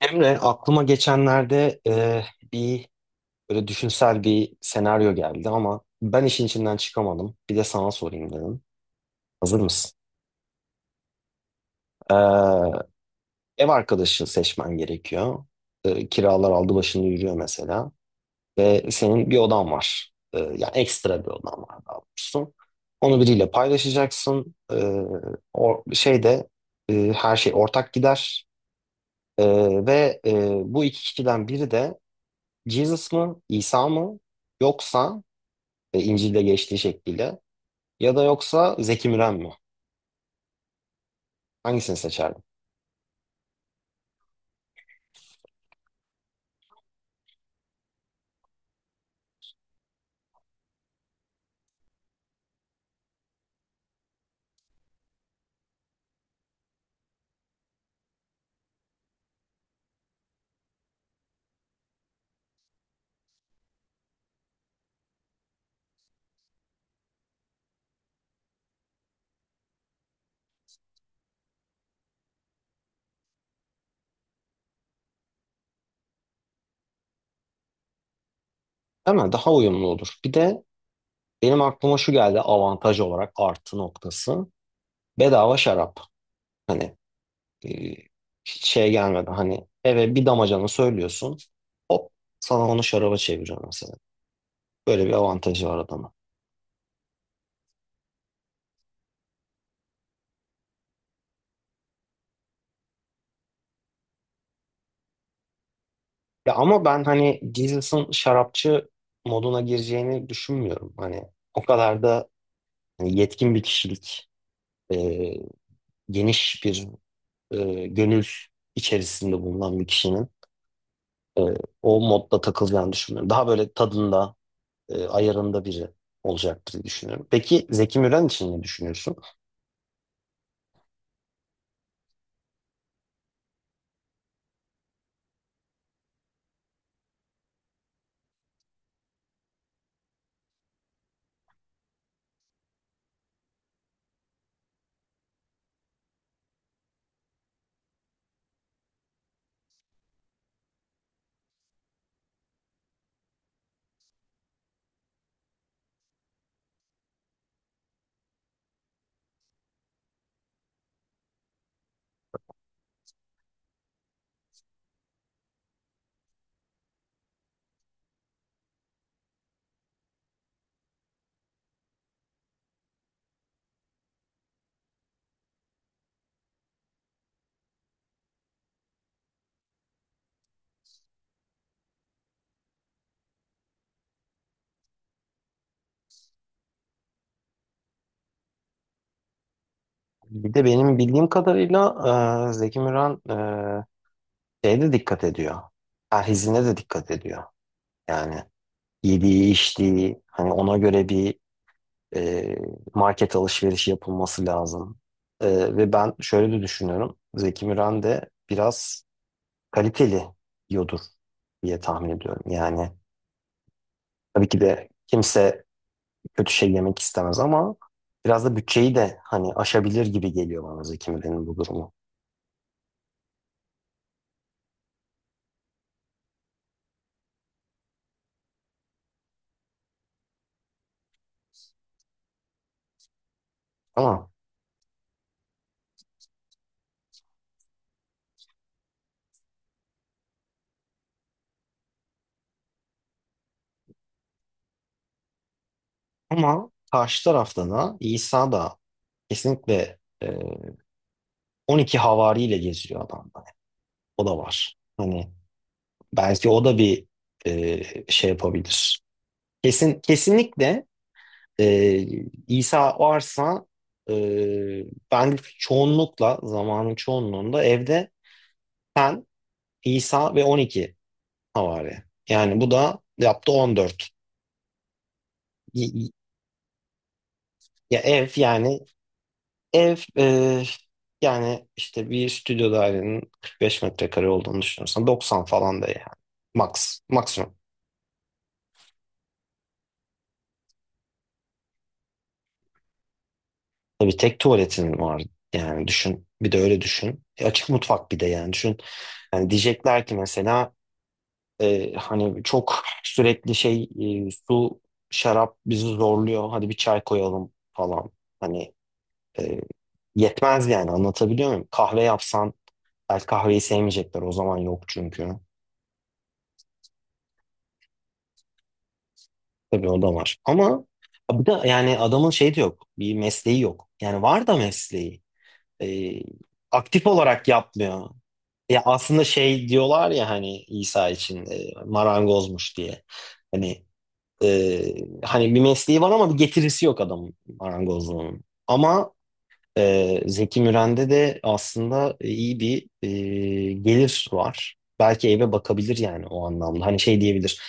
Emre, aklıma geçenlerde bir böyle düşünsel bir senaryo geldi ama ben işin içinden çıkamadım. Bir de sana sorayım dedim. Hazır mısın? Ee, Ev arkadaşı seçmen gerekiyor. Kiralar aldı başını yürüyor mesela. Ve senin bir odan var. Yani ekstra bir odan var daha doğrusu. Onu biriyle paylaşacaksın. O şeyde her şey ortak gider. Ve bu iki kişiden biri de Jesus mı, İsa mı yoksa İncil'de geçtiği şekliyle ya da yoksa Zeki Müren mi? Hangisini seçerdin? Değil mi? Daha uyumlu olur. Bir de benim aklıma şu geldi avantaj olarak artı noktası. Bedava şarap. Hani e, hiç şey gelmedi. Hani eve bir damacana söylüyorsun. Hop sana onu şaraba çeviriyor mesela. Böyle bir avantajı var adamın. Ya ama ben hani Jesus'ın şarapçı moduna gireceğini düşünmüyorum. Hani o kadar da hani yetkin bir kişilik. e, Geniş bir gönül içerisinde bulunan bir kişinin e, o modda takılacağını düşünmüyorum. Daha böyle tadında, ayarında biri olacaktır diye düşünüyorum. Peki Zeki Müren için ne düşünüyorsun? Bir de benim bildiğim kadarıyla Zeki Müren şeye de dikkat ediyor. Perhizine de dikkat ediyor. Yani yediği, içtiği, hani ona göre bir e, market alışverişi yapılması lazım. E, ve ben şöyle de düşünüyorum. Zeki Müren de biraz kaliteli yiyordur diye tahmin ediyorum. Yani tabii ki de kimse kötü şey yemek istemez ama biraz da bütçeyi de hani aşabilir gibi geliyor bana Zeki Müren'in bu durumu. Ama ama karşı tarafta da İsa da kesinlikle 12 havariyle geziyor adam da. O da var. Hani belki o da bir şey yapabilir. Kesinlikle e, İsa varsa e, ben çoğunlukla zamanın çoğunluğunda evde ben İsa ve 12 havari. Yani bu da yaptı 14. Y- y- Ya ev yani ev yani işte bir stüdyo dairenin 45 metrekare olduğunu düşünürsen 90 falan da yani maksimum. Tabii tek tuvaletin var yani düşün bir de öyle düşün. E, açık mutfak bir de yani düşün. Yani diyecekler ki mesela hani çok sürekli şey su şarap bizi zorluyor hadi bir çay koyalım falan hani e, yetmez yani anlatabiliyor muyum? Kahve yapsan belki kahveyi sevmeyecekler o zaman yok çünkü tabii o da var ama bir de yani adamın şey de yok bir mesleği yok yani var da mesleği Ee, aktif olarak yapmıyor. Ya aslında şey diyorlar ya hani İsa için marangozmuş diye. Hani Ee, hani bir mesleği var ama bir getirisi yok adamın marangozluğunun. Ama Zeki Müren'de de aslında iyi bir gelir var. Belki eve bakabilir yani o anlamda. Hani şey diyebilir.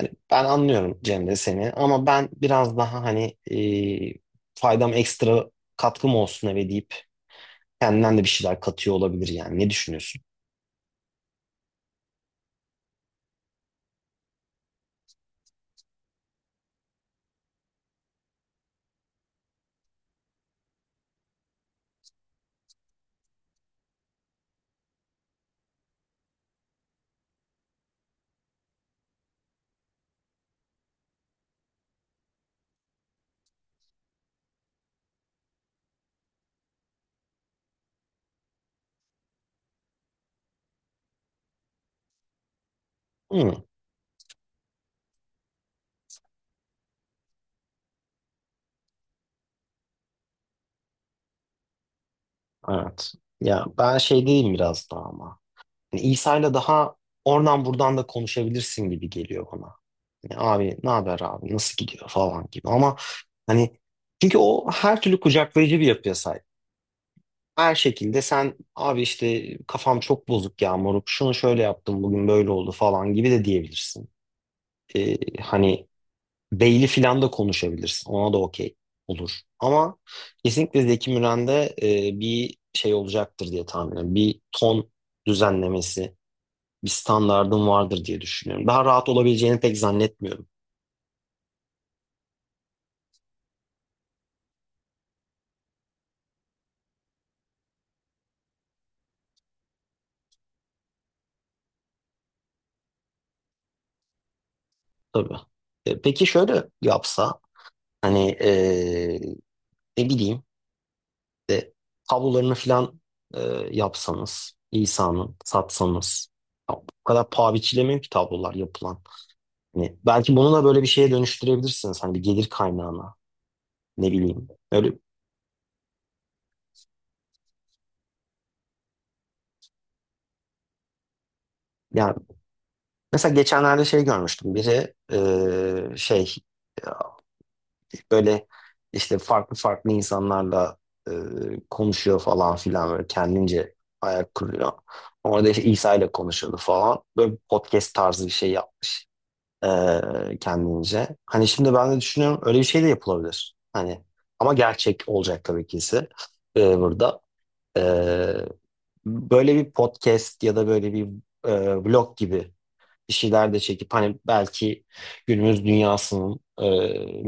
Hani ben anlıyorum Cemre seni ama ben biraz daha hani faydam ekstra katkım olsun eve deyip kendinden de bir şeyler katıyor olabilir yani. Ne düşünüyorsun? Hı, evet. Ya ben şey diyeyim biraz daha ama. Yani İsa'yla daha oradan buradan da konuşabilirsin gibi geliyor bana. Yani abi ne haber abi nasıl gidiyor falan gibi ama hani çünkü o her türlü kucaklayıcı bir yapıya sahip. Her şekilde sen abi işte kafam çok bozuk ya moruk şunu şöyle yaptım bugün böyle oldu falan gibi de diyebilirsin. Hani Beyli filan da konuşabilirsin ona da okey olur. Ama kesinlikle Zeki Müren'de bir şey olacaktır diye tahmin ediyorum. Bir ton düzenlemesi bir standardın vardır diye düşünüyorum. Daha rahat olabileceğini pek zannetmiyorum tabii. E, peki şöyle yapsa hani ne bileyim de tablolarını falan e, yapsanız İsa'nın satsanız ya, bu kadar paha biçilemiyor ki tablolar yapılan. Hani belki bunu da böyle bir şeye dönüştürebilirsiniz hani bir gelir kaynağına ne bileyim. Öyle yani mesela geçenlerde şey görmüştüm biri şey böyle işte farklı farklı insanlarla e, konuşuyor falan filan böyle kendince ayak kuruyor. Orada işte İsa ile konuşuyordu falan. Böyle podcast tarzı bir şey yap kendince. Hani şimdi ben de düşünüyorum öyle bir şey de yapılabilir. Hani ama gerçek olacak tabii ki ise burada. E, böyle bir podcast ya da böyle bir vlog gibi bir şeyler de çekip hani belki günümüz dünyasının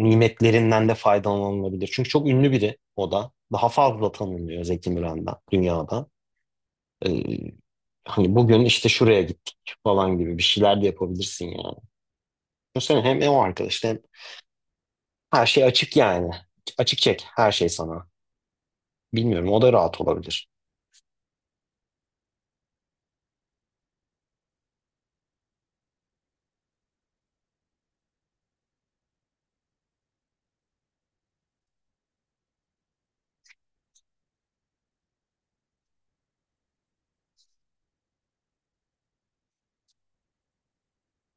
nimetlerinden de faydalanılabilir. Çünkü çok ünlü biri o da. Daha fazla tanınıyor Zeki Müren'den dünyada. E, hani bugün işte şuraya gittik falan gibi bir şeyler de yapabilirsin yani. Düşünsene hem o arkadaş hem her şey açık yani. Açık çek her şey sana. Bilmiyorum o da rahat olabilir.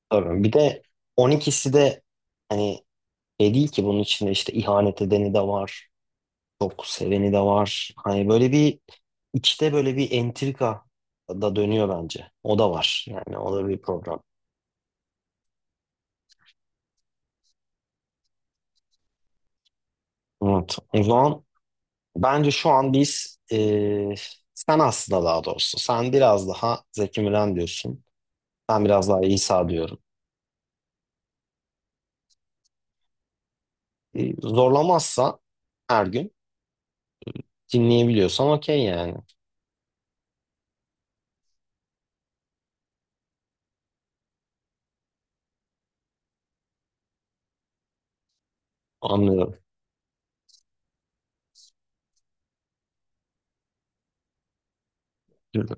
Tabii. Bir de 12'si de hani şey değil ki bunun içinde işte ihanet edeni de var. Çok seveni de var. Hani böyle bir içte böyle bir entrika da dönüyor bence. O da var. Yani o da bir program. Evet. O zaman bence şu an biz sen aslında daha doğrusu sen biraz daha Zeki Müren diyorsun. Ben biraz daha İsa diyorum. E, zorlamazsa her gün dinleyebiliyorsan okey yani. Anlıyorum. Güzel.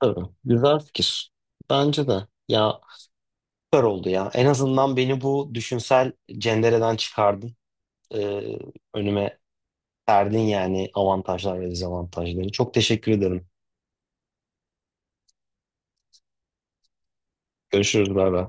Tabii. Güzel fikir. Bence de. Ya süper oldu ya. En azından beni bu düşünsel cendereden çıkardın. e, Önüme serdin yani avantajlar ve dezavantajları. Çok teşekkür ederim. Görüşürüz. Bay bay.